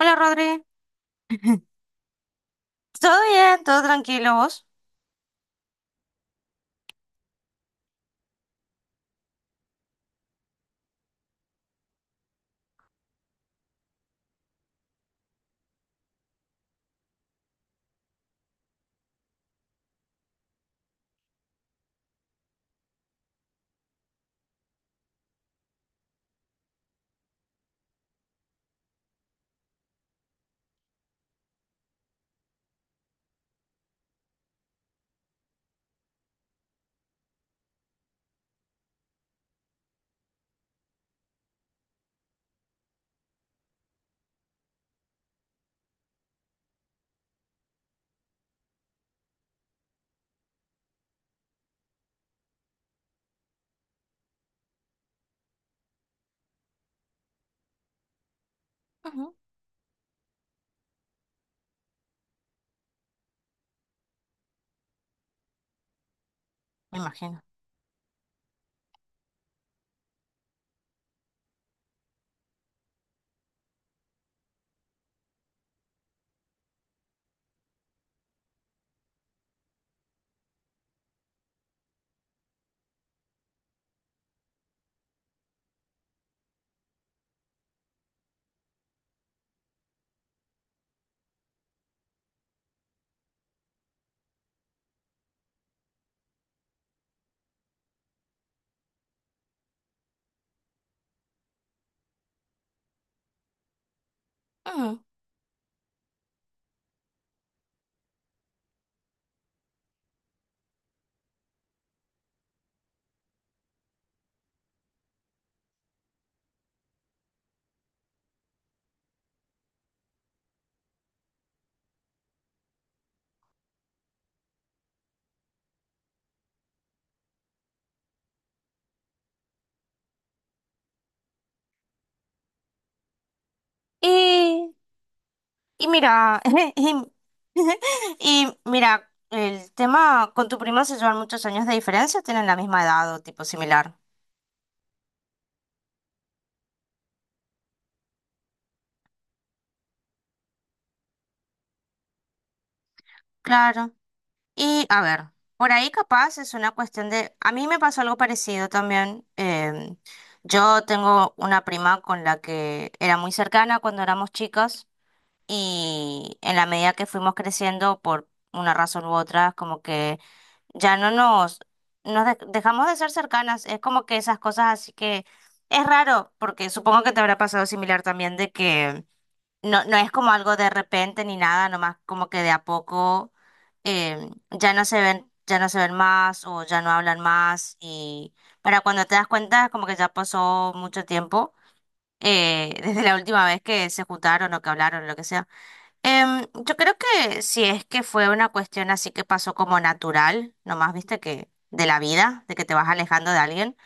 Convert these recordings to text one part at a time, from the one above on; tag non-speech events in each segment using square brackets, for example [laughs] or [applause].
Hola Rodri. [laughs] Todo bien, todo tranquilo, ¿vos? Ujú, me imagino. Ujú. Y, y mira, [laughs] y, [laughs] y mira, el tema con tu prima, ¿se llevan muchos años de diferencia, tienen la misma edad o tipo similar? Claro. Y a ver, por ahí capaz es una cuestión de, a mí me pasó algo parecido también. Yo tengo una prima con la que era muy cercana cuando éramos chicas, y en la medida que fuimos creciendo, por una razón u otra, como que ya no dejamos de ser cercanas. Es como que esas cosas así que es raro, porque supongo que te habrá pasado similar también, de que no es como algo de repente ni nada, nomás como que de a poco ya no se ven, ya no se ven más o ya no hablan más, y para cuando te das cuenta, como que ya pasó mucho tiempo. [laughs] Desde la última vez que se juntaron o que hablaron o lo que sea. Yo creo que si es que fue una cuestión así, que pasó como natural, nomás viste, que de la vida, de que te vas alejando de alguien,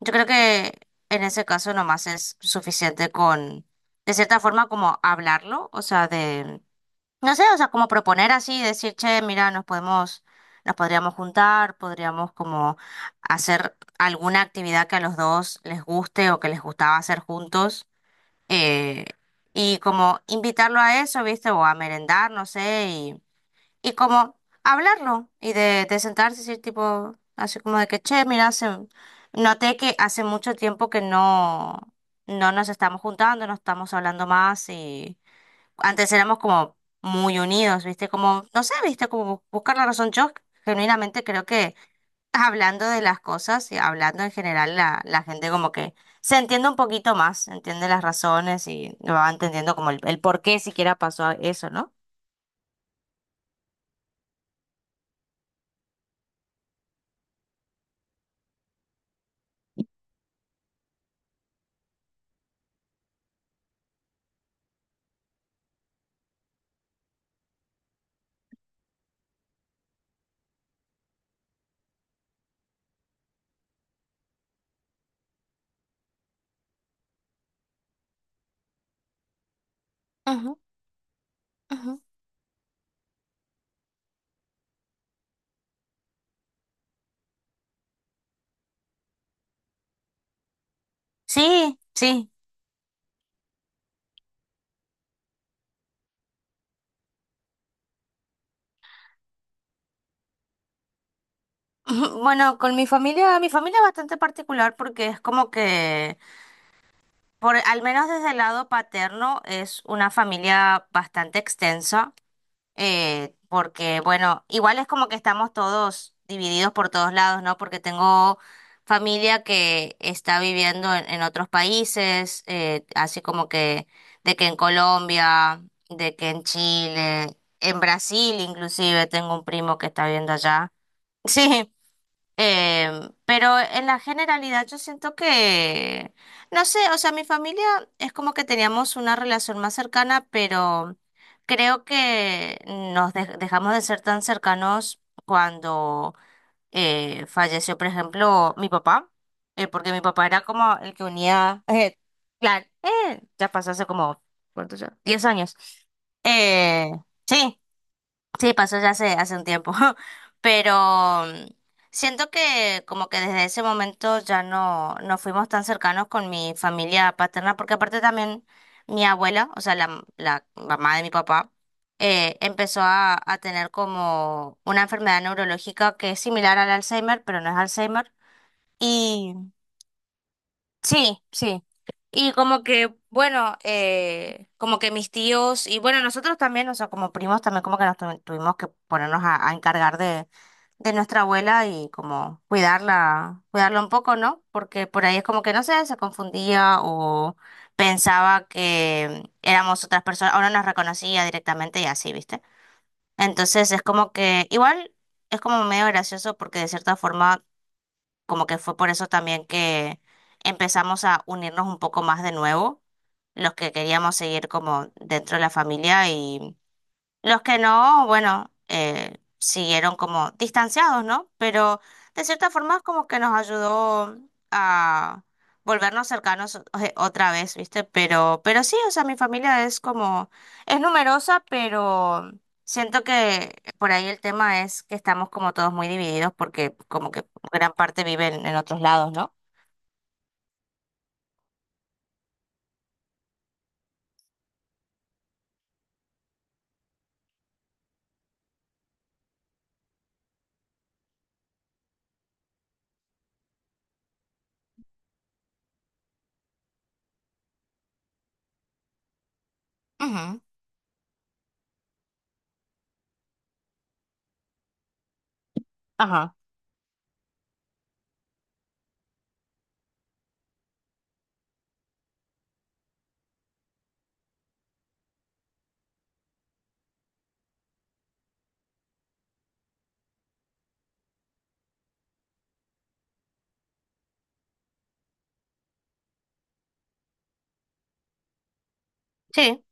yo creo que en ese caso nomás es suficiente con, de cierta forma, como hablarlo, o sea, de, no sé, o sea, como proponer así, decir: che, mira, nos nos podríamos juntar, podríamos como hacer alguna actividad que a los dos les guste o que les gustaba hacer juntos. Eh, y como invitarlo a eso, ¿viste? O a merendar, no sé. Y y como hablarlo y de sentarse y decir tipo, así como de que, che, mira, noté que hace mucho tiempo que no nos estamos juntando, no estamos hablando más, y antes éramos como muy unidos, ¿viste? Como, no sé, ¿viste? Como buscar la razón. Yo genuinamente creo que hablando de las cosas y hablando en general, la gente como que se entiende un poquito más, entiende las razones y va entendiendo como el por qué siquiera pasó eso, ¿no? Ujú, ujú. Sí, sí. [laughs] Bueno, con mi familia es bastante particular porque es como que, por, al menos desde el lado paterno, es una familia bastante extensa. Porque bueno, igual es como que estamos todos divididos por todos lados, ¿no? Porque tengo familia que está viviendo en otros países. Así como que de que en Colombia, de que en Chile, en Brasil, inclusive tengo un primo que está viviendo allá. [laughs] Sí. Pero en la generalidad yo siento que, no sé, o sea, mi familia es como que teníamos una relación más cercana, pero creo que nos dejamos de ser tan cercanos cuando falleció, por ejemplo, mi papá. Porque mi papá era como el que unía. Ya pasó hace como, ¿cuánto ya? 10 años. Eh, sí. Sí, pasó ya hace, hace un tiempo. [laughs] Pero mm, siento que como que desde ese momento ya no fuimos tan cercanos con mi familia paterna, porque aparte también mi abuela, o sea, la mamá de mi papá, empezó a tener como una enfermedad neurológica que es similar al Alzheimer, pero no es Alzheimer. Sí, sí. Y como que, bueno, como que mis tíos, y bueno, nosotros también, o sea, como primos también, como que nos tuvimos que ponernos a encargar de nuestra abuela y como cuidarla, cuidarla un poco, ¿no? Porque por ahí es como que, no sé, se confundía o pensaba que éramos otras personas, o no nos reconocía directamente y así, ¿viste? Entonces es como que, igual, es como medio gracioso, porque de cierta forma, como que fue por eso también que empezamos a unirnos un poco más de nuevo, los que queríamos seguir como dentro de la familia. Los que no, bueno, siguieron como distanciados, ¿no? Pero de cierta forma es como que nos ayudó a volvernos cercanos otra vez, ¿viste? Pero sí, o sea, mi familia es como, es numerosa, pero siento que por ahí el tema es que estamos como todos muy divididos, porque como que gran parte viven en otros lados, ¿no? Ujú, ajá. Sí.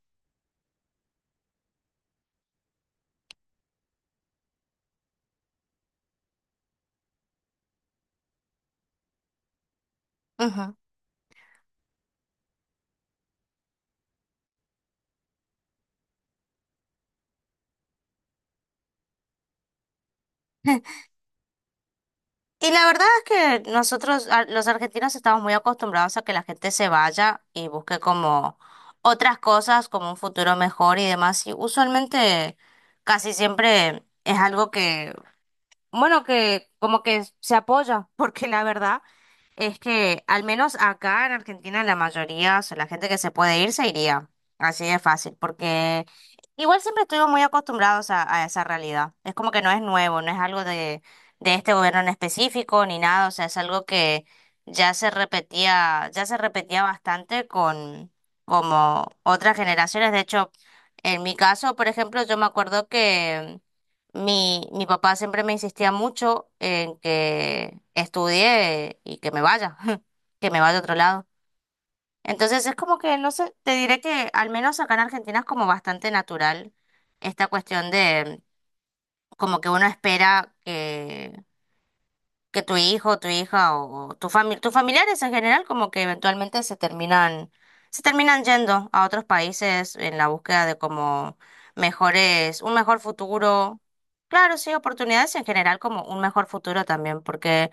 Y la verdad es que nosotros, los argentinos, estamos muy acostumbrados a que la gente se vaya y busque como otras cosas, como un futuro mejor y demás. Y usualmente casi siempre es algo que, bueno, que como que se apoya, [laughs] porque la verdad es que al menos acá en Argentina, la mayoría, o sea, la gente que se puede ir se iría. Así de fácil, porque igual siempre estuvimos muy acostumbrados a esa realidad. Es como que no es nuevo, no es algo de este gobierno en específico ni nada, o sea, es algo que ya se repetía bastante con como otras generaciones. De hecho, en mi caso, por ejemplo, yo me acuerdo que mi papá siempre me insistía mucho en que estudie y que me vaya, [laughs] que me vaya a otro lado. Entonces es como que, no sé, te diré que al menos acá en Argentina es como bastante natural esta cuestión de como que uno espera que tu hijo, tu hija o tu tus familiares en general, como que eventualmente se terminan yendo a otros países en la búsqueda de como mejores, un mejor futuro. Claro, sí, oportunidades en general, como un mejor futuro también, porque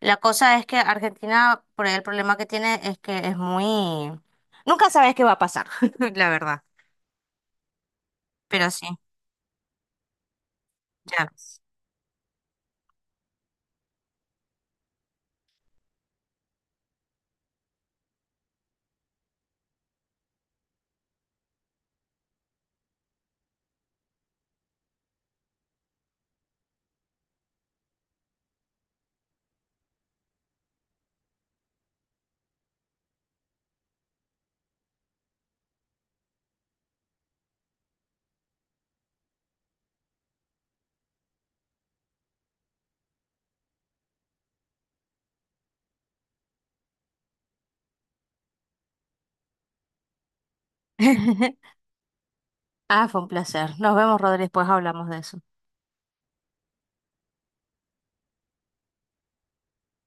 la cosa es que Argentina, por ahí el problema que tiene es que es muy... Nunca sabes qué va a pasar, [laughs] la verdad. Pero sí, ya. [laughs] Ah, fue un placer. Nos vemos, Rodríguez, después hablamos de eso.